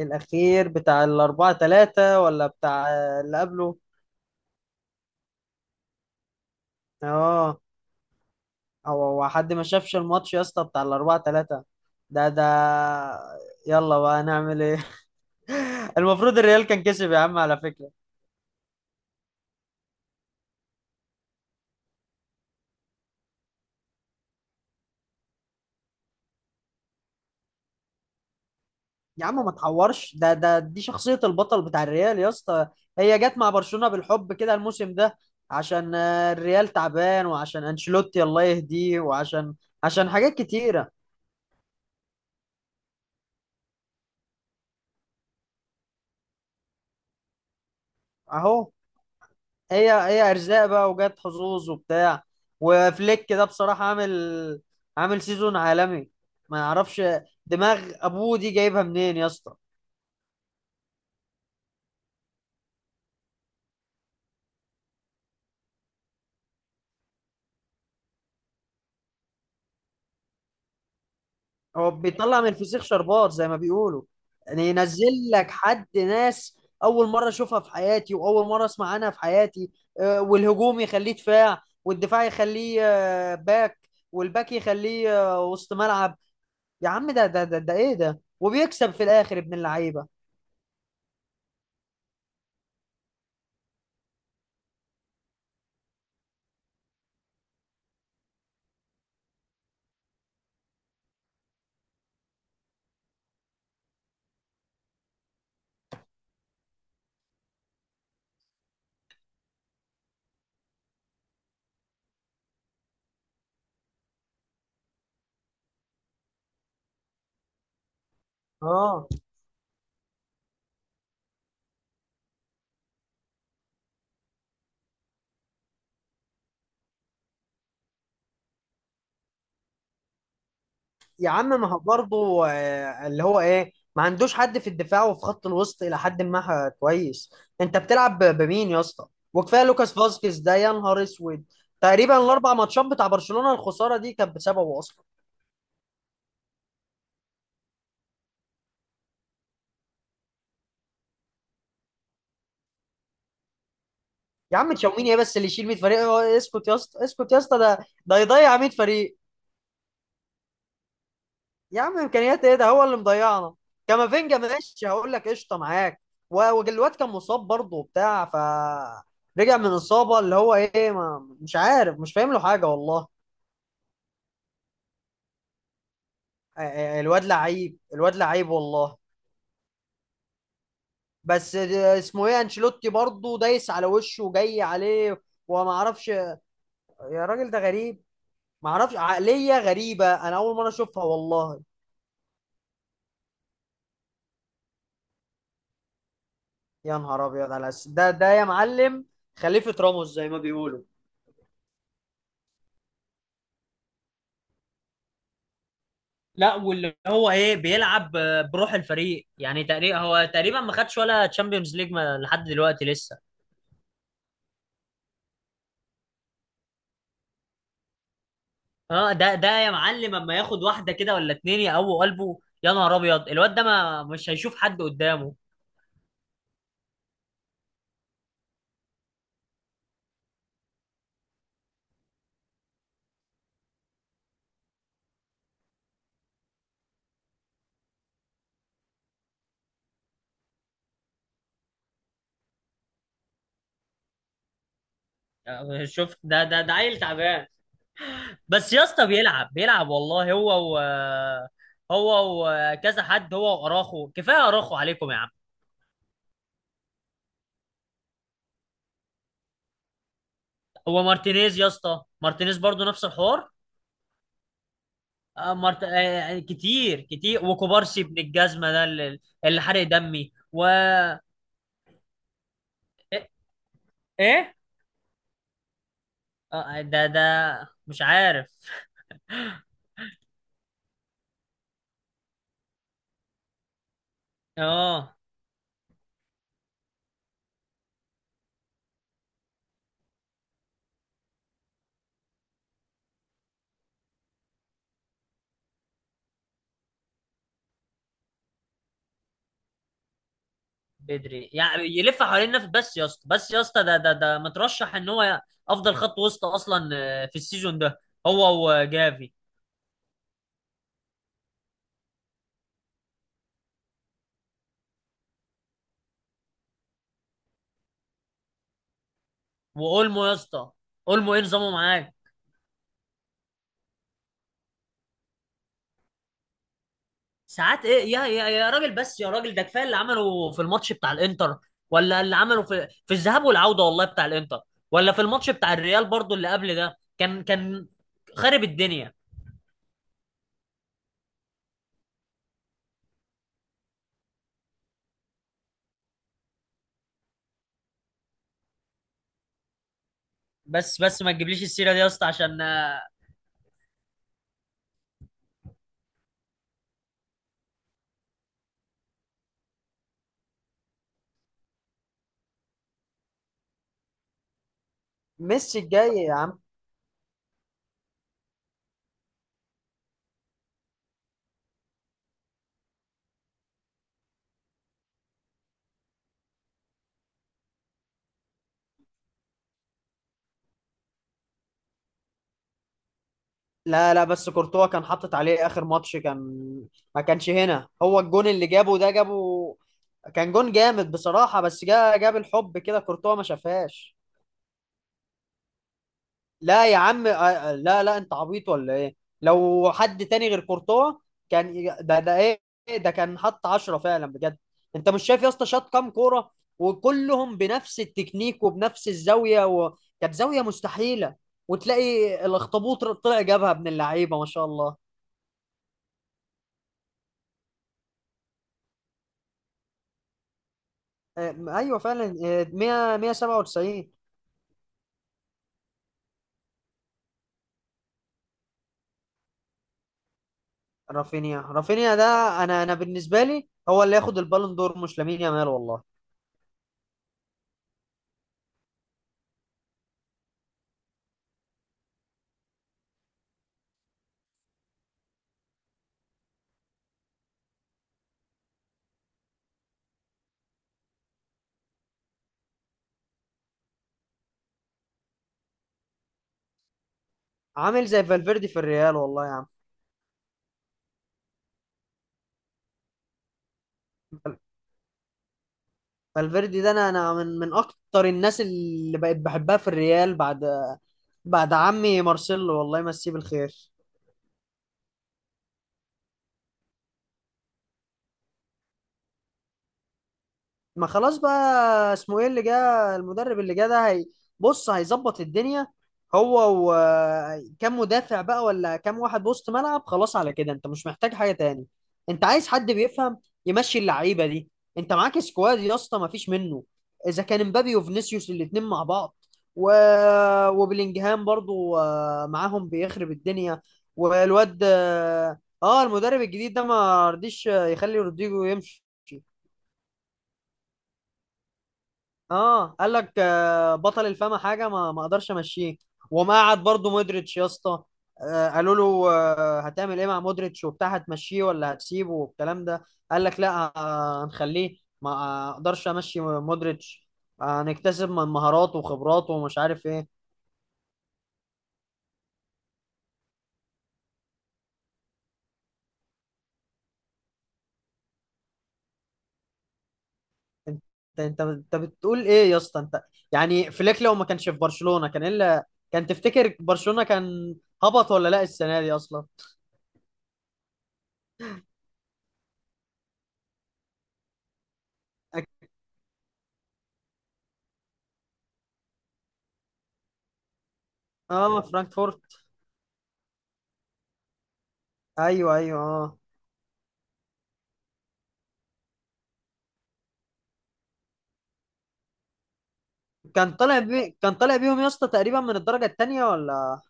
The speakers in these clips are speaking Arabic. الأخير بتاع الأربعة تلاتة ولا بتاع اللي قبله؟ اه. هو حد ما شافش الماتش يا اسطى بتاع الأربعة تلاتة ده. يلا بقى نعمل ايه؟ المفروض الريال كان كسب يا عم، على فكرة. يا عم، ما تحورش، ده ده دي شخصية البطل بتاع الريال يا اسطى. هي جت مع برشلونة بالحب كده الموسم ده، عشان الريال تعبان، وعشان أنشيلوتي الله يهديه، وعشان حاجات كتيرة. اهو. هي ارزاق بقى، وجت حظوظ وبتاع، وفليك ده بصراحه عامل سيزون عالمي، ما يعرفش. دماغ ابوه دي جايبها منين يا اسطى؟ هو بيطلع من الفسيخ شربات زي ما بيقولوا، يعني ينزل لك حد ناس اول مره اشوفها في حياتي، واول مره اسمع عنها في حياتي. والهجوم يخليه دفاع، والدفاع يخليه باك، والباك يخليه وسط ملعب. يا عم، ده ايه ده، وبيكسب في الاخر ابن اللعيبه. اه. يا عم، ما هو برضه اللي هو ايه ما عندوش حد في الدفاع، وفي خط الوسط الى حد ما كويس. انت بتلعب بمين يا اسطى؟ وكفايه لوكاس فاسكيز ده يا نهار اسود، تقريبا الاربع ماتشات بتاع برشلونه الخساره دي كانت بسببه اصلا. يا عم، تشاوميني ايه بس اللي يشيل 100 فريق؟ اسكت يا اسطى، اسكت يا اسطى، ده يضيع 100 فريق. يا عم، امكانيات ايه؟ ده هو اللي مضيعنا. كامافينجا ماشي، هقول لك قشطه معاك، وجلوات كان مصاب برضه وبتاع، ف رجع من اصابه، اللي هو ايه ما مش عارف، مش فاهم له حاجه والله. الواد لعيب الواد لعيب والله، بس اسمه ايه انشيلوتي برضه دايس على وشه وجاي عليه، وما اعرفش يا راجل، ده غريب. ما اعرفش، عقليه غريبه، انا اول مره اشوفها والله. يا نهار ابيض على ده يا معلم، خليفه راموس زي ما بيقولوا. لا، واللي هو ايه بيلعب بروح الفريق، يعني تقريبا هو تقريبا ما خدش ولا تشامبيونز ليج لحد دلوقتي لسه. اه، ده يا معلم، اما ياخد واحده كده ولا اتنين يقووا قلبه، يا نهار ابيض، الواد ده ما مش هيشوف حد قدامه. شوف، ده عيل تعبان، بس يا اسطى بيلعب بيلعب والله، هو وكذا حد، هو واراخو، كفايه اراخو عليكم يا عم. هو مارتينيز يا اسطى، مارتينيز برضو نفس الحوار. آه، مرت... آه، يعني كتير كتير، وكوبارسي ابن الجزمه ده اللي حرق دمي و... ايه إيه؟ ده مش عارف. اه. بدري يعني يلف حوالين النفس، بس يا اسطى بس يا اسطى، ده مترشح ان هو افضل خط وسط اصلا في السيزون ده، هو وجافي. واولمو يا اسطى، اولمو ايه نظامه معاك؟ ساعات ايه يا راجل، بس يا راجل، ده كفايه اللي عمله في الماتش بتاع الانتر، ولا اللي عمله في الذهاب والعوده والله بتاع الانتر، ولا في الماتش بتاع الريال برضو اللي قبل ده، كان خارب الدنيا. بس بس ما تجيبليش السيره دي يا اسطى، عشان ميسي الجاي يا عم. لا لا، بس كورتوا كان حاطط عليه اخر ماتش، ما كانش هنا، هو الجون اللي جابه ده جابه، كان جون جامد بصراحة، بس جاب الحب كده، كورتوا ما شافهاش. لا يا عم، لا لا، انت عبيط ولا ايه؟ لو حد تاني غير كورتوا، كان ده ايه، ده كان حط عشرة فعلا بجد. انت مش شايف يا اسطى شاط كام كورة؟ وكلهم بنفس التكنيك وبنفس الزاوية، كانت زاوية مستحيلة، وتلاقي الاخطبوط طلع جابها ابن اللعيبة ما شاء الله. ايوه فعلا، 100 197. رافينيا، رافينيا ده، انا بالنسبة لي هو اللي ياخد البالون دور، مش لامين يامال والله. عامل زي فالفيردي في الريال والله يا عم. فالفيردي ده، انا من اكتر الناس اللي بقيت بحبها في الريال، بعد عمي مارسيلو الله يمسيه بالخير. ما خلاص بقى، اسمه ايه اللي جه المدرب اللي جه ده، هي بص هيظبط الدنيا، هو وكم مدافع بقى ولا كم واحد وسط ملعب، خلاص على كده انت مش محتاج حاجة تاني. انت عايز حد بيفهم يمشي اللعيبة دي، انت معاك سكواد يا اسطى ما فيش منه، اذا كان مبابي وفينيسيوس الاتنين مع بعض و... وبلينجهام برضو معاهم بيخرب الدنيا. والواد المدرب الجديد ده ما رضيش يخلي رودريجو يمشي. اه، قال لك بطل الفما حاجه ما اقدرش امشيه. وما قعد برضه مودريتش يا اسطى، قالوا له هتعمل ايه مع مودريتش وبتاع، هتمشيه ولا هتسيبه والكلام ده؟ قال لك لا هنخليه، ما اقدرش امشي مودريتش، هنكتسب من مهاراته وخبراته ومش عارف ايه. انت انت بتقول ايه يا اسطى؟ انت يعني فليك لو ما كانش في برشلونه، كان كان تفتكر برشلونه كان هبط ولا لا السنه دي اصلا؟ أك- اه، فرانكفورت. ايوه ايوه، اه. كان طالع بيهم يا اسطى تقريبا من الدرجة التانية ولا...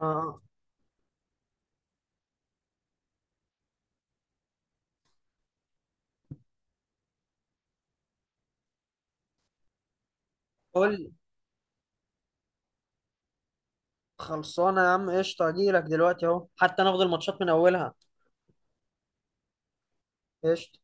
اه، قول. خلصانة يا عم، قشطة، اجيلك دلوقتي اهو، حتى ناخد الماتشات من اولها. قشطة.